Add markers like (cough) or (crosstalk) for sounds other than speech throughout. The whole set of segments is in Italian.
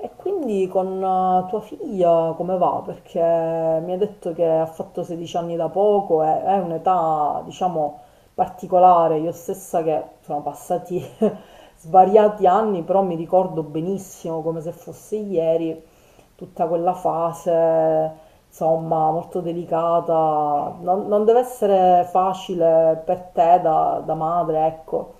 E quindi con tua figlia come va? Perché mi ha detto che ha fatto 16 anni da poco, è un'età, diciamo, particolare. Io stessa che sono passati (laughs) svariati anni, però mi ricordo benissimo, come se fosse ieri, tutta quella fase, insomma, molto delicata. Non deve essere facile per te da madre, ecco.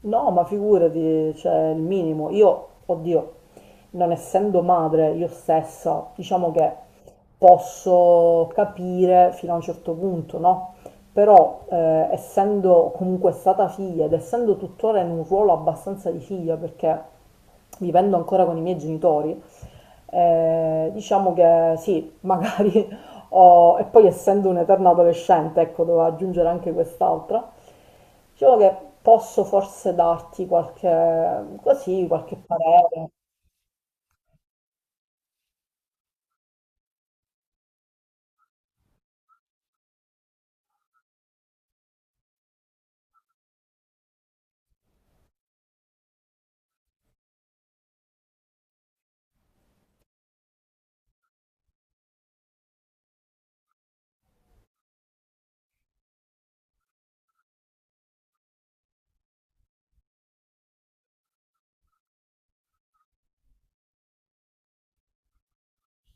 No, ma figurati, cioè il minimo. Io, oddio, non essendo madre io stessa, diciamo che posso capire fino a un certo punto, no? Però, essendo comunque stata figlia ed essendo tuttora in un ruolo abbastanza di figlia, perché vivendo ancora con i miei genitori, diciamo che sì, (laughs) magari ho, e poi essendo un'eterna adolescente, ecco, devo aggiungere anche quest'altra. Diciamo che posso forse darti qualche, così, qualche parere.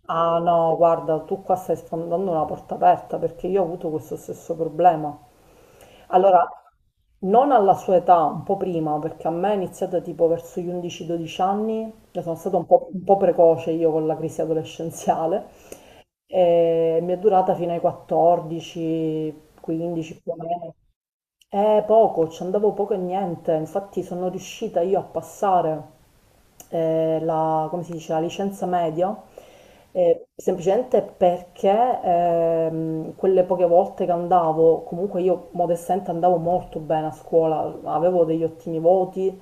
Ah no, guarda, tu qua stai sfondando una porta aperta perché io ho avuto questo stesso problema. Allora, non alla sua età, un po' prima, perché a me è iniziata tipo verso gli 11-12 anni, io sono stata un po' precoce io con la crisi adolescenziale, e mi è durata fino ai 14-15 più o meno. Poco, ci andavo poco e niente, infatti sono riuscita io a passare la, come si dice, la licenza media, semplicemente perché quelle poche volte che andavo, comunque io modestamente andavo molto bene a scuola, avevo degli ottimi voti,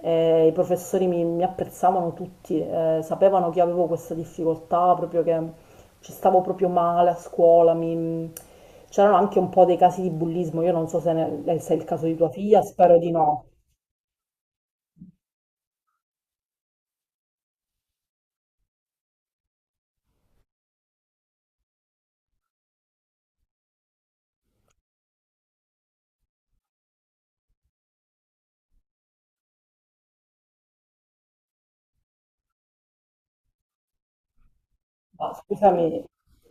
i professori mi apprezzavano tutti, sapevano che avevo questa difficoltà, proprio che ci stavo proprio male a scuola. Mi C'erano anche un po' dei casi di bullismo, io non so se, se è il caso di tua figlia, spero di no. Ma scusami,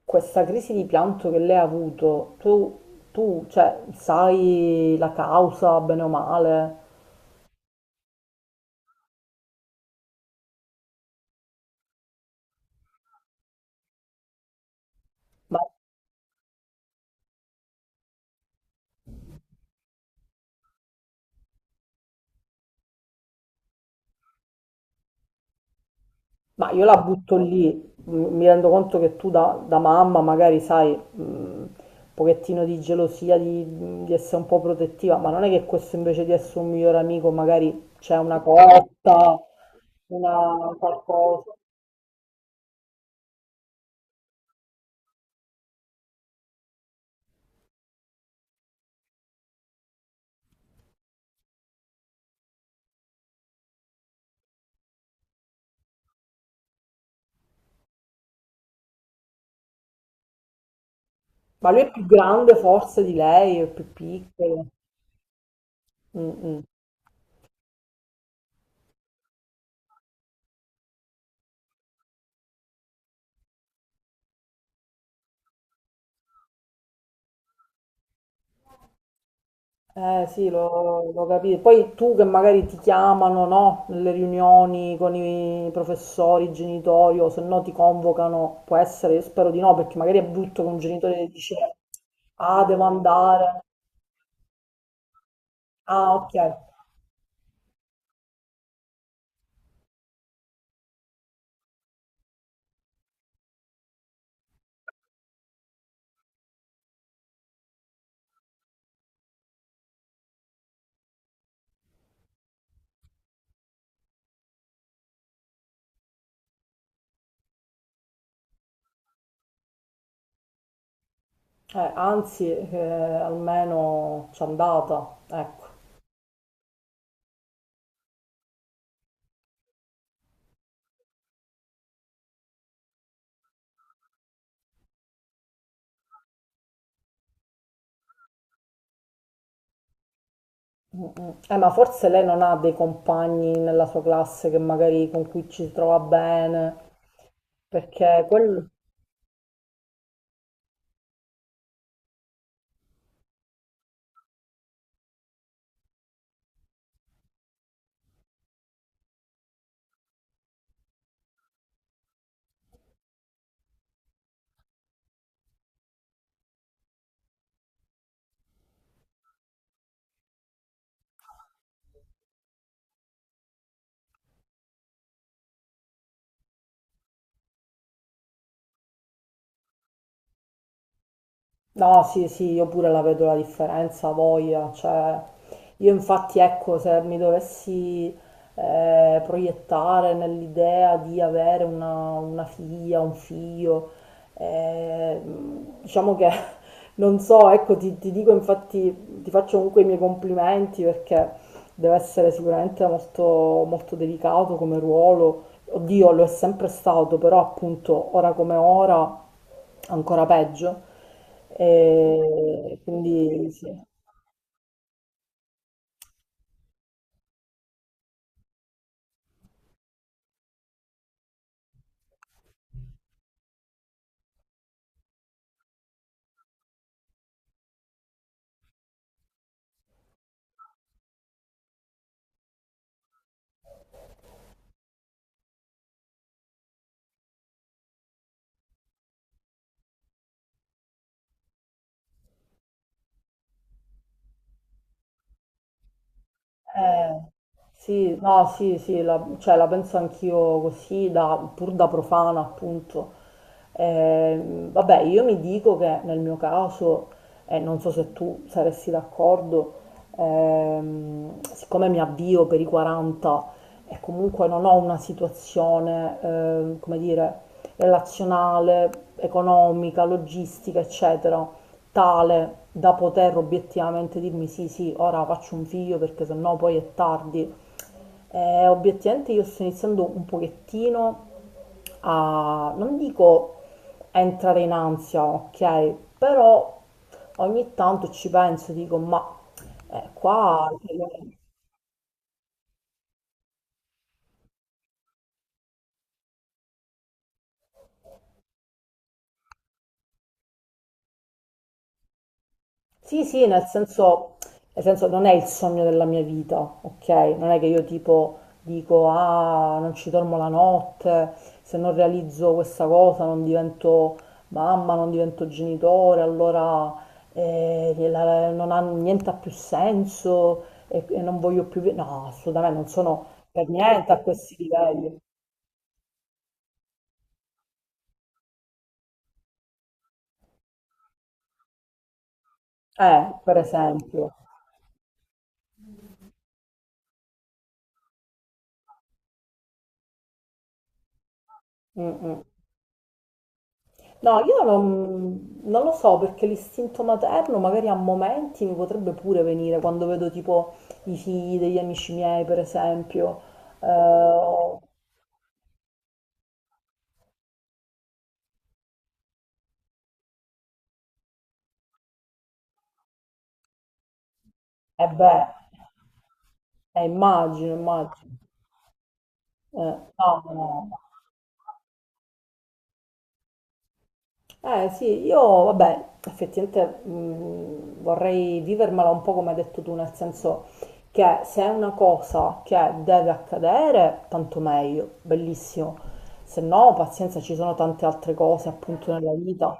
questa crisi di pianto che lei ha avuto, cioè, sai la causa, bene o male? Ma, ma io la butto lì, mi rendo conto che tu da mamma magari sai un pochettino di gelosia, di essere un po' protettiva, ma non è che questo invece di essere un migliore amico magari c'è una cotta, una qualcosa. Ma lui è più grande forse di lei, è più piccolo. Mm, mm. Eh sì, lo capisco. Poi tu che magari ti chiamano, no? Nelle riunioni con i professori, i genitori, o se no ti convocano, può essere, io spero di no, perché magari è brutto che un genitore dice, ah, devo andare. Ah, ok. Anzi, almeno c'è andata, ecco. Ma forse lei non ha dei compagni nella sua classe che magari con cui ci si trova bene. Perché quel... No, sì, sì, io pure la vedo la differenza, voglia, cioè io infatti ecco, se mi dovessi proiettare nell'idea di avere una figlia, un figlio, eh, diciamo che (laughs) non so, ecco, ti dico infatti, ti faccio comunque i miei complimenti perché deve essere sicuramente molto, molto delicato come ruolo. Oddio, lo è sempre stato, però appunto ora come ora ancora peggio. E quindi sì. Eh, sì, no, sì, sì, la, cioè, la penso anch'io così, pur da profana, appunto. Vabbè, io mi dico che nel mio caso, e non so se tu saresti d'accordo, siccome mi avvio per i 40 e comunque non ho una situazione, come dire, relazionale, economica, logistica, eccetera, tale da poter obiettivamente dirmi sì, sì, ora faccio un figlio perché sennò poi è tardi. Obiettivamente io sto iniziando un pochettino a, non dico a entrare in ansia, ok, però ogni tanto ci penso, dico, ma qua... Sì, sì, nel senso non è il sogno della mia vita, ok? Non è che io tipo dico, ah, non ci dormo la notte, se non realizzo questa cosa non divento mamma, non divento genitore, allora non ha niente ha più senso e non voglio più... vi-". No, assolutamente, non sono per niente a questi livelli. Per esempio. Mm, mm. No, io non lo so perché l'istinto materno magari a momenti mi potrebbe pure venire quando vedo tipo i figli degli amici miei, per esempio. Eh, e beh, immagino, immagino. Eh, no, no. No. Eh sì, io vabbè, effettivamente vorrei vivermela un po' come hai detto tu, nel senso che se è una cosa che deve accadere, tanto meglio, bellissimo. Se no, pazienza, ci sono tante altre cose appunto nella vita.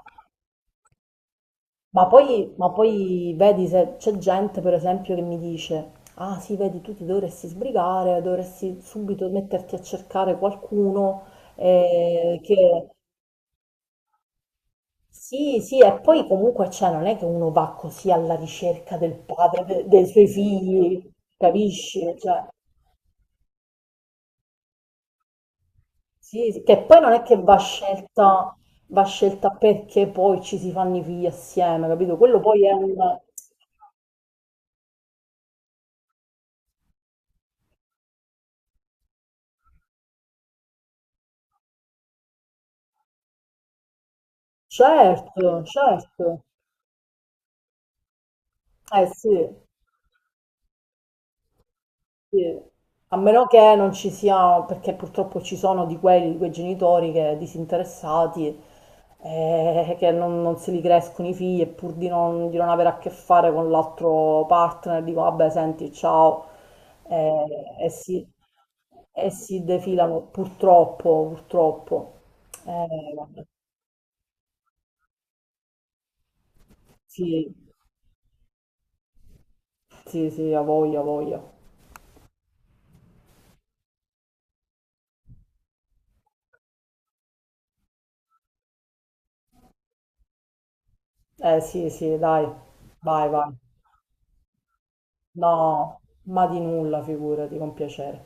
Ma poi vedi se c'è gente, per esempio, che mi dice, ah sì, vedi, tu ti dovresti sbrigare, dovresti subito metterti a cercare qualcuno, che sì, sì, e poi comunque cioè, non è che uno va così alla ricerca del padre, dei suoi figli, capisci? Cioè, sì, sì, che poi non è che va scelta perché poi ci si fanno i figli assieme, capito? Quello poi è un... Certo, certo. Eh sì, sì. A meno che non ci sia, perché purtroppo ci sono di quelli, di quei genitori che disinteressati, che non se li crescono i figli e pur di non avere a che fare con l'altro partner, dico vabbè, senti, ciao, eh, e si, e si defilano, purtroppo, purtroppo. Vabbè. Sì, sì, sì, a voglia, a voglia. Eh sì, sì, dai, vai, vai. No, ma di nulla, figurati, con piacere.